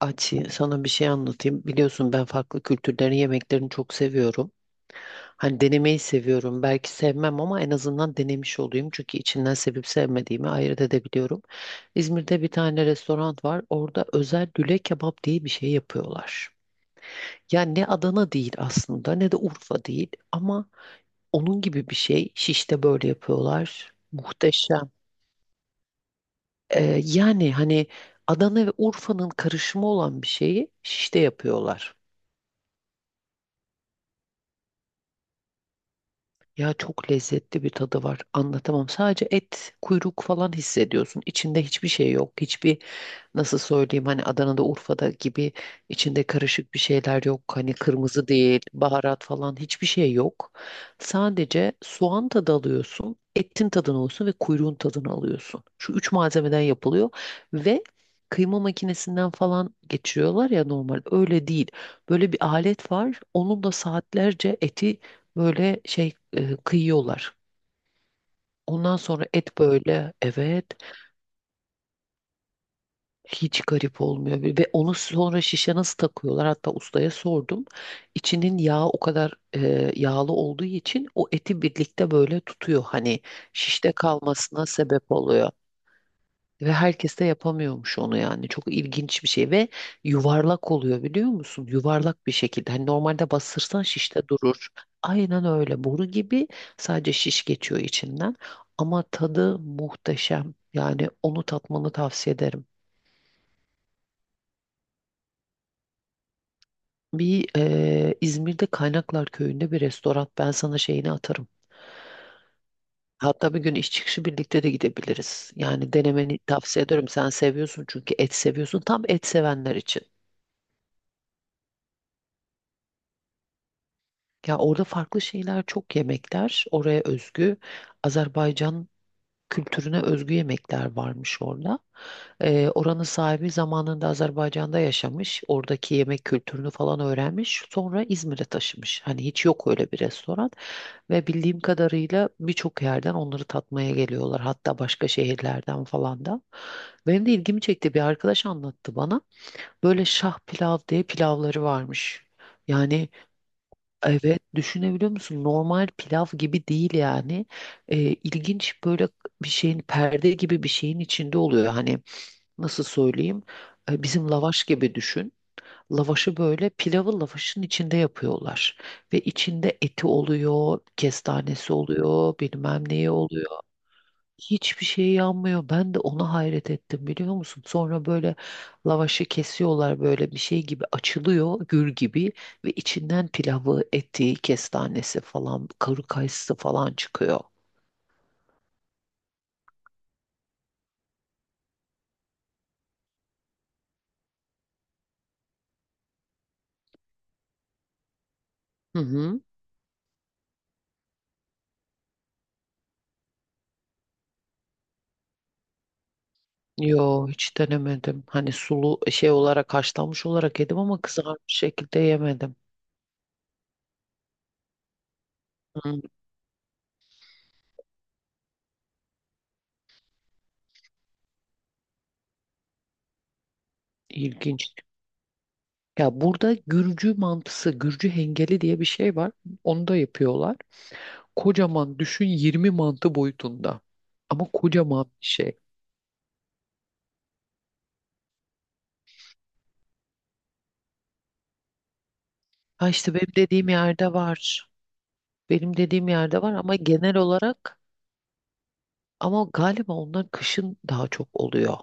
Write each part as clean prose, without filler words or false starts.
Açı sana bir şey anlatayım. Biliyorsun ben farklı kültürlerin yemeklerini çok seviyorum. Hani denemeyi seviyorum. Belki sevmem ama en azından denemiş olayım. Çünkü içinden sevip sevmediğimi ayırt edebiliyorum. İzmir'de bir tane restoran var. Orada özel lüle kebap diye bir şey yapıyorlar. Yani ne Adana değil aslında ne de Urfa değil ama onun gibi bir şey. Şiş'te böyle yapıyorlar. Muhteşem. Yani hani Adana ve Urfa'nın karışımı olan bir şeyi Şiş'te yapıyorlar. Ya çok lezzetli bir tadı var. Anlatamam. Sadece et, kuyruk falan hissediyorsun. İçinde hiçbir şey yok. Nasıl söyleyeyim hani Adana'da Urfa'da gibi içinde karışık bir şeyler yok. Hani kırmızı değil, baharat falan hiçbir şey yok. Sadece soğan tadı alıyorsun, etin tadını alıyorsun ve kuyruğun tadını alıyorsun. Şu üç malzemeden yapılıyor ve kıyma makinesinden falan geçiriyorlar ya normal. Öyle değil. Böyle bir alet var. Onun da saatlerce eti böyle şey kıyıyorlar. Ondan sonra et böyle evet. Hiç garip olmuyor ve onu sonra şişe nasıl takıyorlar? Hatta ustaya sordum. İçinin yağı o kadar yağlı olduğu için o eti birlikte böyle tutuyor. Hani şişte kalmasına sebep oluyor. Ve herkes de yapamıyormuş onu yani. Çok ilginç bir şey ve yuvarlak oluyor biliyor musun? Yuvarlak bir şekilde. Hani normalde bastırsan şişte durur. Aynen öyle. Boru gibi sadece şiş geçiyor içinden. Ama tadı muhteşem. Yani onu tatmanı tavsiye ederim. Bir İzmir'de Kaynaklar Köyü'nde bir restoran. Ben sana şeyini atarım. Hatta bir gün iş çıkışı birlikte de gidebiliriz. Yani denemeni tavsiye ederim. Sen seviyorsun çünkü et seviyorsun. Tam et sevenler için. Ya orada farklı şeyler çok yemekler. Oraya özgü Azerbaycan kültürüne özgü yemekler varmış orada. Oranın sahibi zamanında Azerbaycan'da yaşamış. Oradaki yemek kültürünü falan öğrenmiş. Sonra İzmir'e taşımış. Hani hiç yok öyle bir restoran. Ve bildiğim kadarıyla birçok yerden onları tatmaya geliyorlar. Hatta başka şehirlerden falan da. Benim de ilgimi çekti. Bir arkadaş anlattı bana. Böyle şah pilav diye pilavları varmış. Yani evet düşünebiliyor musun? Normal pilav gibi değil yani. İlginç böyle bir şeyin perde gibi bir şeyin içinde oluyor. Hani nasıl söyleyeyim? Bizim lavaş gibi düşün. Lavaşı böyle pilavı lavaşın içinde yapıyorlar. Ve içinde eti oluyor, kestanesi oluyor, bilmem neyi oluyor. Hiçbir şey yanmıyor. Ben de ona hayret ettim biliyor musun? Sonra böyle lavaşı kesiyorlar böyle bir şey gibi açılıyor, gül gibi. Ve içinden pilavı, eti, kestanesi falan, kuru kayısı falan çıkıyor. Hı hı. Yo hiç denemedim. Hani sulu şey olarak haşlanmış olarak yedim ama kızarmış şekilde yemedim. Hı, ilginç. Ya burada Gürcü mantısı, Gürcü hengeli diye bir şey var. Onu da yapıyorlar. Kocaman düşün 20 mantı boyutunda. Ama kocaman bir şey. Ha işte benim dediğim yerde var. Benim dediğim yerde var ama genel olarak. Ama galiba onlar kışın daha çok oluyor.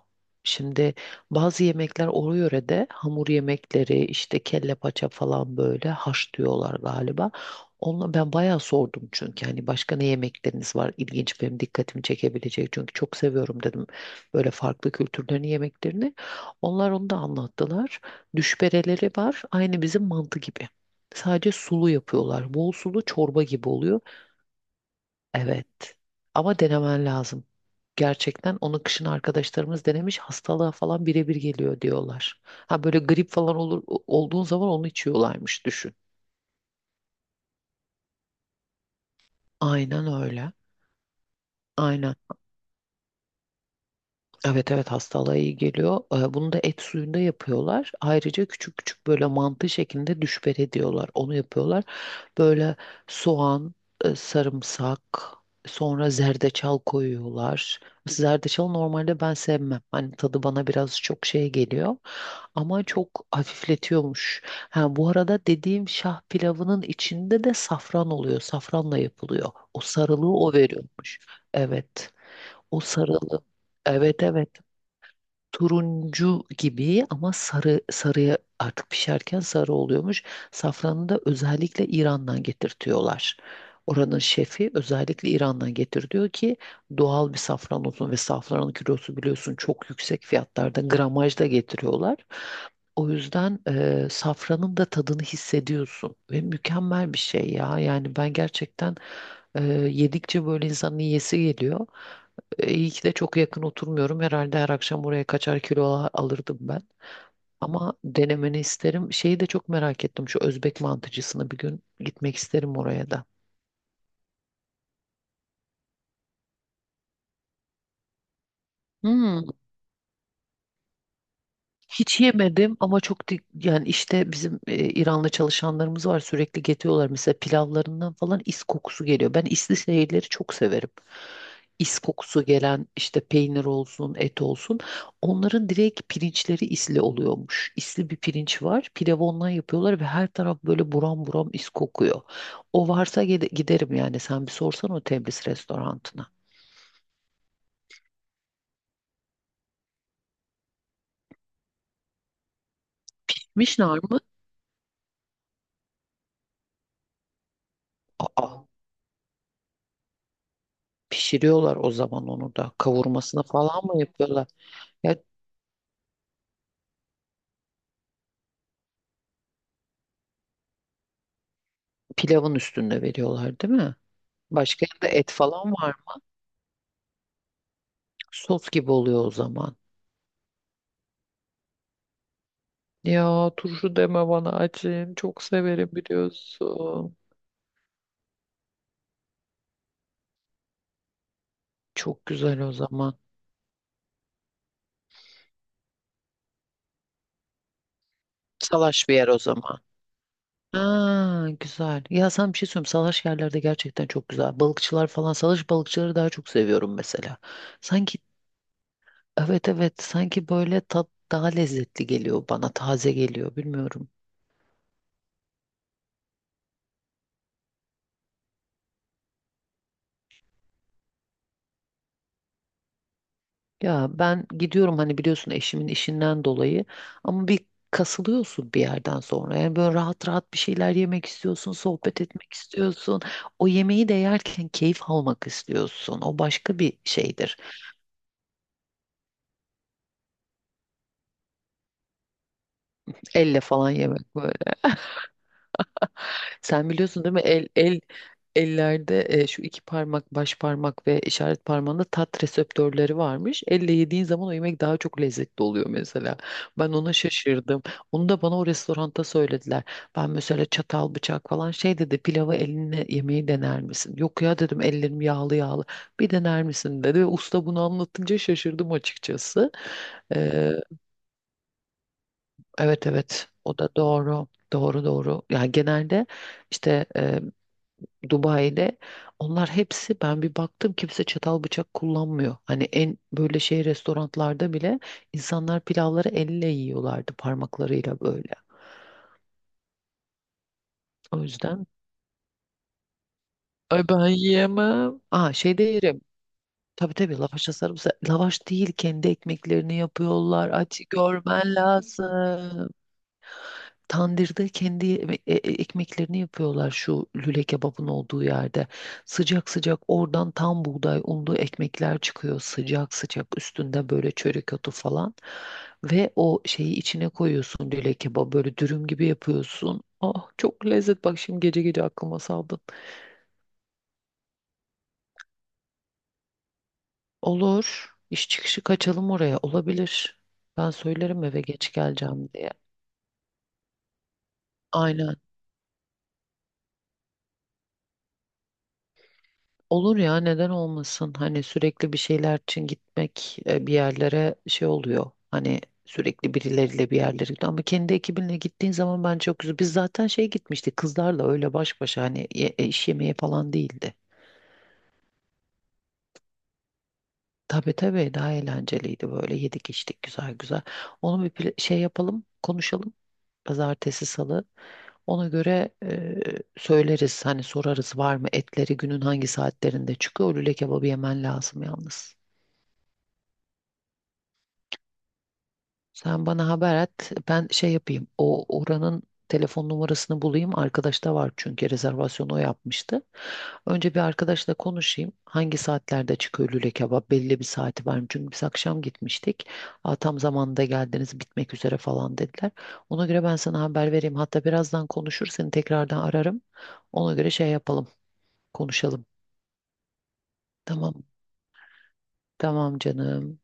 Şimdi bazı yemekler o yörede hamur yemekleri işte kelle paça falan böyle haş diyorlar galiba. Onunla ben bayağı sordum çünkü hani başka ne yemekleriniz var ilginç benim dikkatimi çekebilecek çünkü çok seviyorum dedim böyle farklı kültürlerin yemeklerini. Onlar onu da anlattılar. Düşbereleri var aynı bizim mantı gibi. Sadece sulu yapıyorlar. Bol sulu çorba gibi oluyor. Evet. Ama denemen lazım. Gerçekten onu kışın arkadaşlarımız denemiş hastalığa falan birebir geliyor diyorlar. Ha böyle grip falan olur olduğun zaman onu içiyorlarmış düşün. Aynen öyle. Aynen. Evet, evet, hastalığa iyi geliyor. Bunu da et suyunda yapıyorlar. Ayrıca küçük küçük böyle mantı şeklinde düşber ediyorlar. Onu yapıyorlar. Böyle soğan, sarımsak, sonra zerdeçal koyuyorlar. Zerdeçal normalde ben sevmem. Hani tadı bana biraz çok şey geliyor. Ama çok hafifletiyormuş. Ha, bu arada dediğim şah pilavının içinde de safran oluyor. Safranla yapılıyor. O sarılığı o veriyormuş. Evet. O sarılığı. Evet, evet, turuncu gibi ama sarı sarıya artık pişerken sarı oluyormuş. Safranı da özellikle İran'dan getirtiyorlar. Oranın şefi özellikle İran'dan getir diyor ki doğal bir safran olsun ve safranın kilosu biliyorsun çok yüksek fiyatlarda gramajda getiriyorlar. O yüzden safranın da tadını hissediyorsun ve mükemmel bir şey ya. Yani ben gerçekten e, yedikçe böyle insanın yiyesi geliyor. İyi ki de çok yakın oturmuyorum. Herhalde her akşam buraya kaçar kilo alırdım ben. Ama denemeni isterim. Şeyi de çok merak ettim. Şu Özbek mantıcısını bir gün gitmek isterim oraya da. Hmm. Hiç yemedim ama çok yani işte bizim İranlı çalışanlarımız var sürekli getiriyorlar mesela pilavlarından falan is kokusu geliyor. Ben isli şeyleri çok severim. Is kokusu gelen işte peynir olsun, et olsun. Onların direkt pirinçleri isli oluyormuş. İsli bir pirinç var. Pilavı ondan yapıyorlar ve her taraf böyle buram buram is kokuyor. O varsa giderim yani. Sen bir sorsan o Tebris restorantına. Mişnar mı? Aa, pişiriyorlar o zaman onu da. Kavurmasını falan mı yapıyorlar? Ya pilavın üstünde veriyorlar değil mi? Başka yerde et falan var mı? Sos gibi oluyor o zaman. Ya turşu deme bana açın. Çok severim biliyorsun. Çok güzel o zaman. Salaş bir yer o zaman. Aa, güzel. Ya sen bir şey söyleyeyim. Salaş yerlerde gerçekten çok güzel. Balıkçılar falan. Salaş balıkçıları daha çok seviyorum mesela. Sanki evet, evet. Sanki böyle tat daha lezzetli geliyor bana. Taze geliyor. Bilmiyorum. Ya ben gidiyorum hani biliyorsun eşimin işinden dolayı ama bir kasılıyorsun bir yerden sonra. Yani böyle rahat rahat bir şeyler yemek istiyorsun, sohbet etmek istiyorsun. O yemeği de yerken keyif almak istiyorsun. O başka bir şeydir. Elle falan yemek. Sen biliyorsun değil mi? El el ellerde şu iki parmak, baş parmak ve işaret parmağında tat reseptörleri varmış. Elle yediğin zaman o yemek daha çok lezzetli oluyor mesela. Ben ona şaşırdım. Onu da bana o restoranda söylediler. Ben mesela çatal, bıçak falan şey dedi. Pilavı elinle yemeği dener misin? Yok ya dedim ellerim yağlı yağlı. Bir dener misin dedi. Ve usta bunu anlatınca şaşırdım açıkçası. Ee, evet, evet, o da doğru. Doğru, doğru. Yani genelde işte Dubai'de onlar hepsi ben bir baktım kimse çatal bıçak kullanmıyor. Hani en böyle şey restoranlarda bile insanlar pilavları elle yiyorlardı parmaklarıyla böyle. O yüzden ay ben yiyemem. Aa, şeyde yerim. Tabii, tabii, lavaşla sarımsak. Lavaş değil kendi ekmeklerini yapıyorlar. Açı görmen lazım. Tandırda kendi ekmeklerini yapıyorlar şu lüle kebabın olduğu yerde. Sıcak sıcak oradan tam buğday unlu ekmekler çıkıyor sıcak sıcak üstünde böyle çörek otu falan. Ve o şeyi içine koyuyorsun lüle kebabı böyle dürüm gibi yapıyorsun. Ah çok lezzet bak şimdi gece gece aklıma saldın. Olur, iş çıkışı kaçalım oraya, olabilir. Ben söylerim eve geç geleceğim diye. Aynen. Olur ya, neden olmasın? Hani sürekli bir şeyler için gitmek bir yerlere şey oluyor. Hani sürekli birileriyle bir yerlere gidiyor. Ama kendi ekibinle gittiğin zaman bence çok güzel. Biz zaten şey gitmiştik kızlarla öyle baş başa hani iş yemeği falan değildi. Tabii, tabii, daha eğlenceliydi böyle yedik içtik güzel güzel. Onu bir şey yapalım konuşalım. Pazartesi salı. Ona göre söyleriz hani sorarız var mı etleri günün hangi saatlerinde çıkıyor. O lüle kebabı yemen lazım yalnız. Sen bana haber et. Ben şey yapayım. O oranın telefon numarasını bulayım. Arkadaşta var çünkü rezervasyonu o yapmıştı. Önce bir arkadaşla konuşayım. Hangi saatlerde çıkıyor lüle kebap? Belli bir saati var mı? Çünkü biz akşam gitmiştik. Aa, tam zamanında geldiniz bitmek üzere falan dediler. Ona göre ben sana haber vereyim. Hatta birazdan konuşur seni tekrardan ararım. Ona göre şey yapalım. Konuşalım. Tamam. Tamam canım.